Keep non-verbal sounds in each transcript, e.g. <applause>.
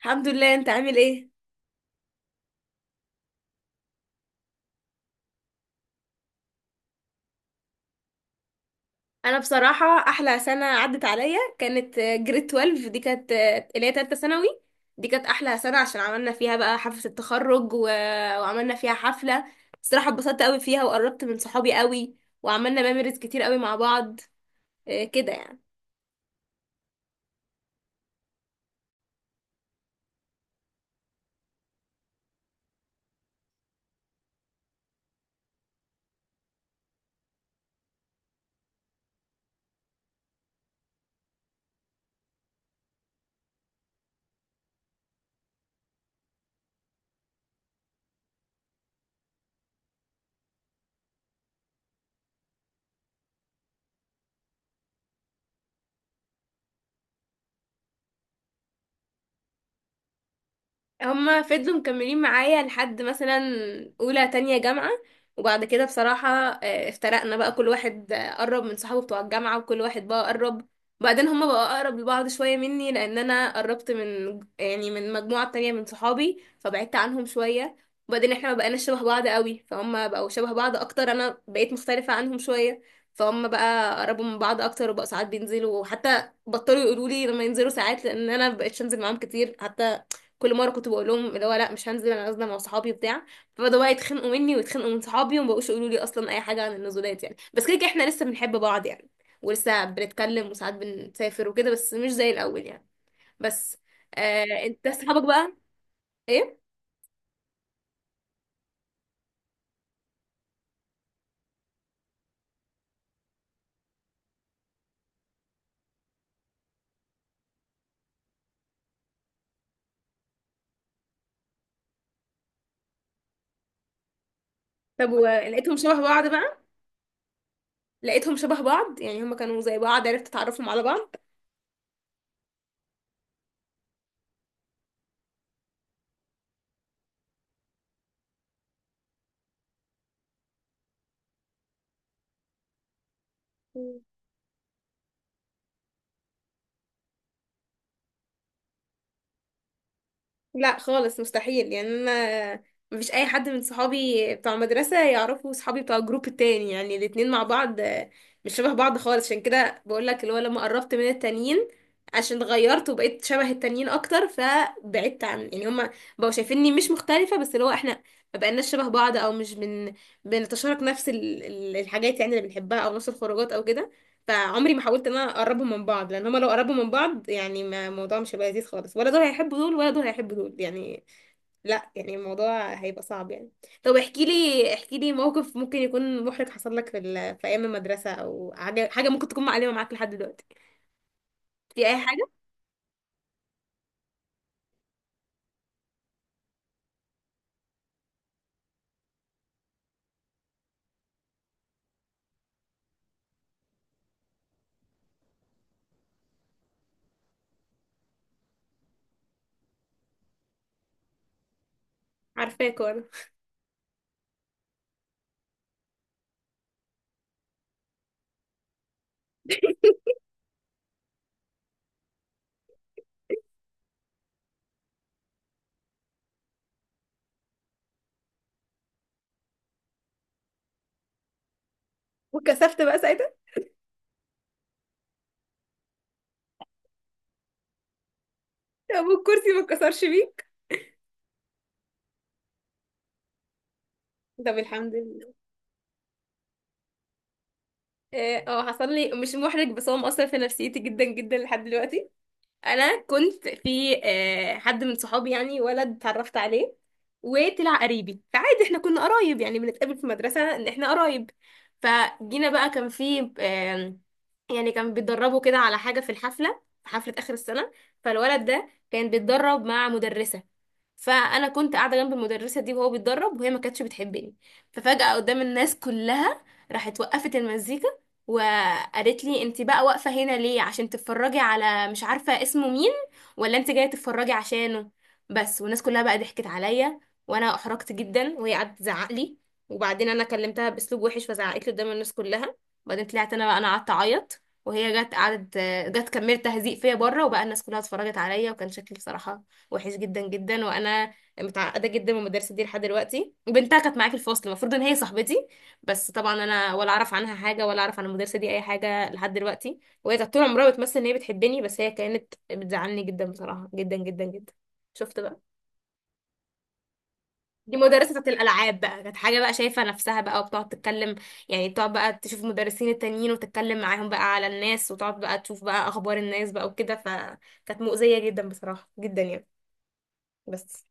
الحمد لله، انت عامل ايه؟ انا بصراحه احلى سنه عدت عليا كانت جريد 12. دي كانت اللي هي تالتة ثانوي. دي كانت احلى سنه عشان عملنا فيها بقى حفله وعملنا فيها حفله. الصراحه اتبسطت قوي فيها وقربت من صحابي قوي، وعملنا ميموريز كتير قوي مع بعض. اه، كده يعني. هما فضلوا مكملين معايا لحد مثلا اولى تانية جامعة. وبعد كده بصراحة افترقنا بقى، كل واحد قرب من صحابه بتوع الجامعة، وكل واحد بقى قرب. وبعدين هما بقى اقرب لبعض شوية مني، لان انا قربت من يعني من مجموعة تانية من صحابي، فبعدت عنهم شوية. وبعدين احنا ما بقيناش شبه بعض قوي، فهم بقوا شبه بعض اكتر، انا بقيت مختلفة عنهم شوية. فهم بقى قربوا من بعض اكتر وبقوا ساعات بينزلوا، وحتى بطلوا يقولوا لي لما ينزلوا ساعات لان انا مبقتش انزل معاهم كتير. حتى كل مره كنت بقول لهم اللي هو لا، مش هنزل، انا نازله مع صحابي بتاع. فبداوا بقى يتخانقوا مني ويتخانقوا من صحابي، وما بقوش يقولوا لي اصلا اي حاجه عن النزولات يعني، بس كده كده احنا لسه بنحب بعض يعني. ولسه بنتكلم وساعات بنسافر وكده، بس مش زي الاول يعني. بس انت صحابك بقى؟ ايه؟ طب ولقيتهم شبه بعض بقى؟ لقيتهم شبه بعض، يعني هما كانوا زي بعض، عرفت تعرفهم على بعض؟ لا خالص، مستحيل يعني. انا مفيش اي حد من صحابي بتوع مدرسة يعرفوا صحابي بتوع الجروب التاني، يعني الاتنين مع بعض مش شبه بعض خالص. عشان كده بقول لك اللي هو لما قربت من التانيين، عشان اتغيرت وبقيت شبه التانيين اكتر، فبعدت عن يعني هما بقوا شايفيني مش مختلفة، بس اللي هو احنا ما بقيناش شبه بعض او مش بن بنتشارك نفس الحاجات يعني، اللي بنحبها او نفس الخروجات او كده. فعمري ما حاولت ان انا اقربهم من بعض، لان هما لو قربوا من بعض يعني ما الموضوع مش هيبقى لذيذ خالص، ولا دول هيحبوا دول ولا دول هيحبوا دول يعني. لا يعني الموضوع هيبقى صعب يعني. طب احكي لي موقف ممكن يكون محرج حصل لك في ايام المدرسه، او حاجه ممكن تكون معلمه معاك لحد دلوقتي في اي حاجه. عارفاك وانا. وكسفت بقى ساعتها. طب والكرسي ما اتكسرش بيك؟ طب الحمد لله. اه، حصل لي، مش محرج بس هو مؤثر في نفسيتي جدا جدا لحد دلوقتي. انا كنت في حد من صحابي يعني، ولد اتعرفت عليه وطلع قريبي، فعادي احنا كنا قرايب يعني، بنتقابل في مدرسة ان احنا قرايب. فجينا بقى، كان في يعني كان بيتدربوا كده على حاجة في الحفلة، في حفلة آخر السنة. فالولد ده كان بيتدرب مع مدرسة، فأنا كنت قاعدة جنب المدرسة دي وهو بيتدرب، وهي ما كانتش بتحبني. ففجأة قدام الناس كلها راحت وقفت المزيكا وقالت لي: انت بقى واقفة هنا ليه؟ عشان تتفرجي على مش عارفة اسمه مين، ولا انت جاية تتفرجي عشانه؟ بس. والناس كلها بقى ضحكت عليا، وانا احرجت جدا، وهي قعدت تزعق لي. وبعدين انا كلمتها باسلوب وحش، فزعقت لي قدام الناس كلها. وبعدين طلعت انا بقى، انا قعدت اعيط، وهي جت قعدت جت كملت تهزيق فيا بره، وبقى الناس كلها اتفرجت عليا، وكان شكلي بصراحة وحش جدا جدا. وانا متعقدة جدا من المدرسة دي لحد دلوقتي، وبنتها كانت معايا في الفصل، المفروض ان هي صاحبتي، بس طبعا انا ولا اعرف عنها حاجه ولا اعرف عن المدرسه دي اي حاجه لحد دلوقتي. وهي كانت طول عمرها بتمثل ان هي بتحبني، بس هي كانت بتزعلني جدا بصراحه جدا جدا جدا. شفت بقى؟ دي مدرسه بتاعت الالعاب بقى، كانت حاجه بقى شايفه نفسها بقى، وبتقعد تتكلم يعني، تقعد بقى تشوف المدرسين التانيين وتتكلم معاهم بقى على الناس، وتقعد بقى تشوف بقى اخبار الناس بقى وكده، فكانت مؤذيه جدا بصراحه جدا يعني. بس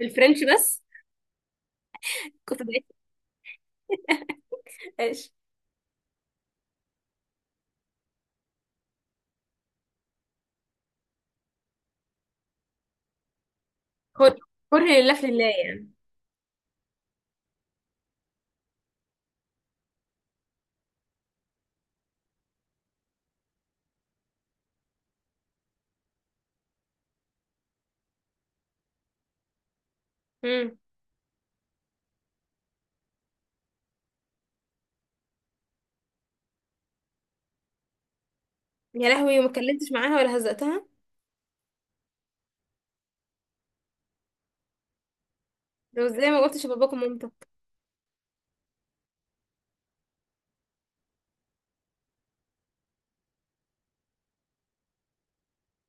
الفرنش بس. كنت بقيت. ايش؟ كره؟ لله في لله يعني. امم. يا لهوي، وما اتكلمتش معاها ولا هزقتها؟ لو زي ما قلتش لباباك ومامتك.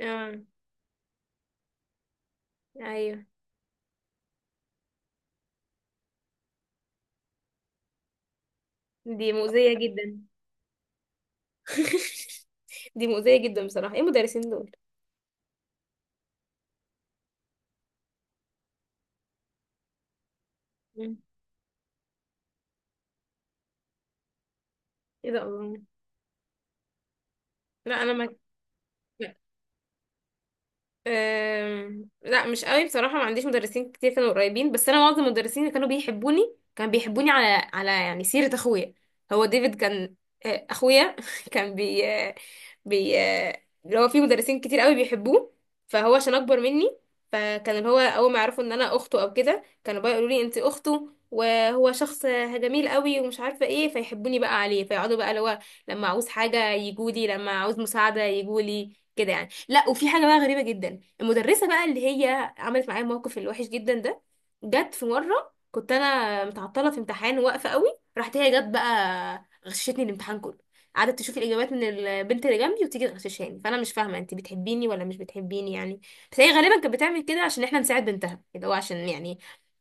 اه. ايوه. دي مؤذية جدا. <laughs> دي مؤذية جدا بصراحة، ايه المدرسين دول؟ مم. ايه ده، الله! لا انا ما لا، مش قوي بصراحة، ما عنديش مدرسين كتير كانوا قريبين، بس انا معظم المدرسين اللي كانوا بيحبوني كان بيحبوني على يعني سيرة اخويا. هو ديفيد، كان اخويا <laughs> كان بي آه، بي آه، اللي هو في مدرسين كتير قوي بيحبوه، فهو عشان اكبر مني، فكان اللي هو اول ما يعرفوا ان انا اخته او كده، كانوا بقى يقولوا لي انت اخته، وهو شخص جميل قوي ومش عارفه ايه، فيحبوني بقى عليه، فيقعدوا بقى اللي هو لما عاوز حاجه يجولي، لما عاوز مساعده يجولي كده يعني. لا، وفي حاجه بقى غريبه جدا، المدرسة بقى اللي هي عملت معايا الموقف الوحش جدا ده، جت في مرة كنت أنا متعطلة في امتحان واقفة قوي، راحت هي جت بقى غششتني الامتحان كله، قعدت تشوف الإجابات من البنت اللي جنبي وتيجي تغششاني، فأنا مش فاهمة أنت بتحبيني ولا مش بتحبيني يعني. بس هي غالبا كانت بتعمل كده عشان إحنا نساعد بنتها، اللي هو عشان يعني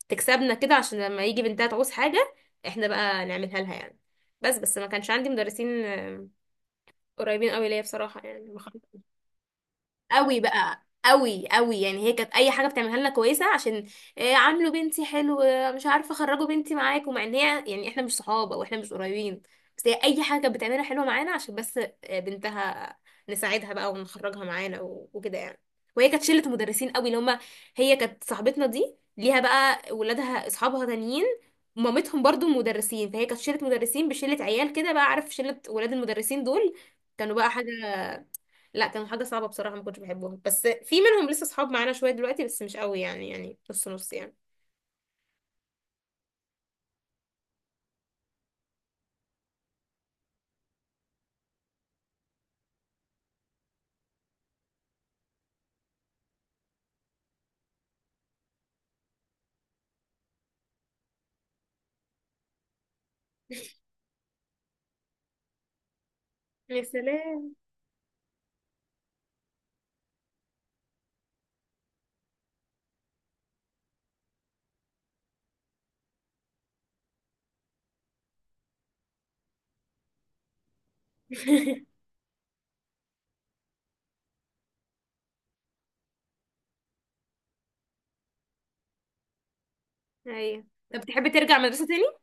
تكسبنا كده، عشان لما يجي بنتها تعوز حاجة إحنا بقى نعملها لها يعني. بس ما كانش عندي مدرسين قريبين قوي ليا بصراحة يعني. قوي بقى، قوي قوي يعني، هي كانت اي حاجه بتعملها لنا كويسه عشان إيه، عاملوا بنتي حلو، مش عارفه، خرجوا بنتي معاكم، مع ان هي يعني احنا مش صحاب او احنا مش قريبين، بس هي اي حاجه كانت بتعملها حلوه معانا عشان بس بنتها، نساعدها بقى ونخرجها معانا وكده يعني. وهي كانت شله مدرسين قوي، اللي هم هي كانت صاحبتنا دي ليها بقى ولادها اصحابها تانيين، مامتهم برضو مدرسين، فهي كانت شله مدرسين بشله عيال كده بقى، عارف، شله ولاد المدرسين دول كانوا بقى حاجه. لا، كانوا حاجة صعبة بصراحة، ما كنتش بحبهم، بس في منهم لسه صحاب معانا شوية دلوقتي، بس مش قوي يعني، يعني نص نص يعني. <laughs> يا سلام. <laughs> ايوه. طب تحب ترجع مدرسة تاني؟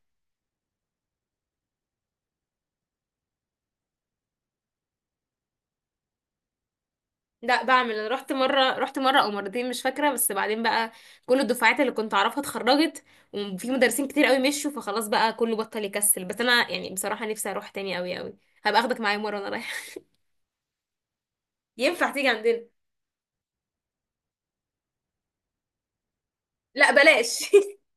لا بعمل، أنا رحت مرة، رحت مرة او مرتين مش فاكرة، بس بعدين بقى كل الدفعات اللي كنت اعرفها اتخرجت، وفي مدرسين كتير قوي مشوا، فخلاص بقى كله بطل يكسل، بس انا يعني بصراحة نفسي اروح تاني قوي قوي. هبقى اخدك معايا مرة وانا رايحة. <laughs> ينفع تيجي عندنا؟ لا بلاش. <laughs>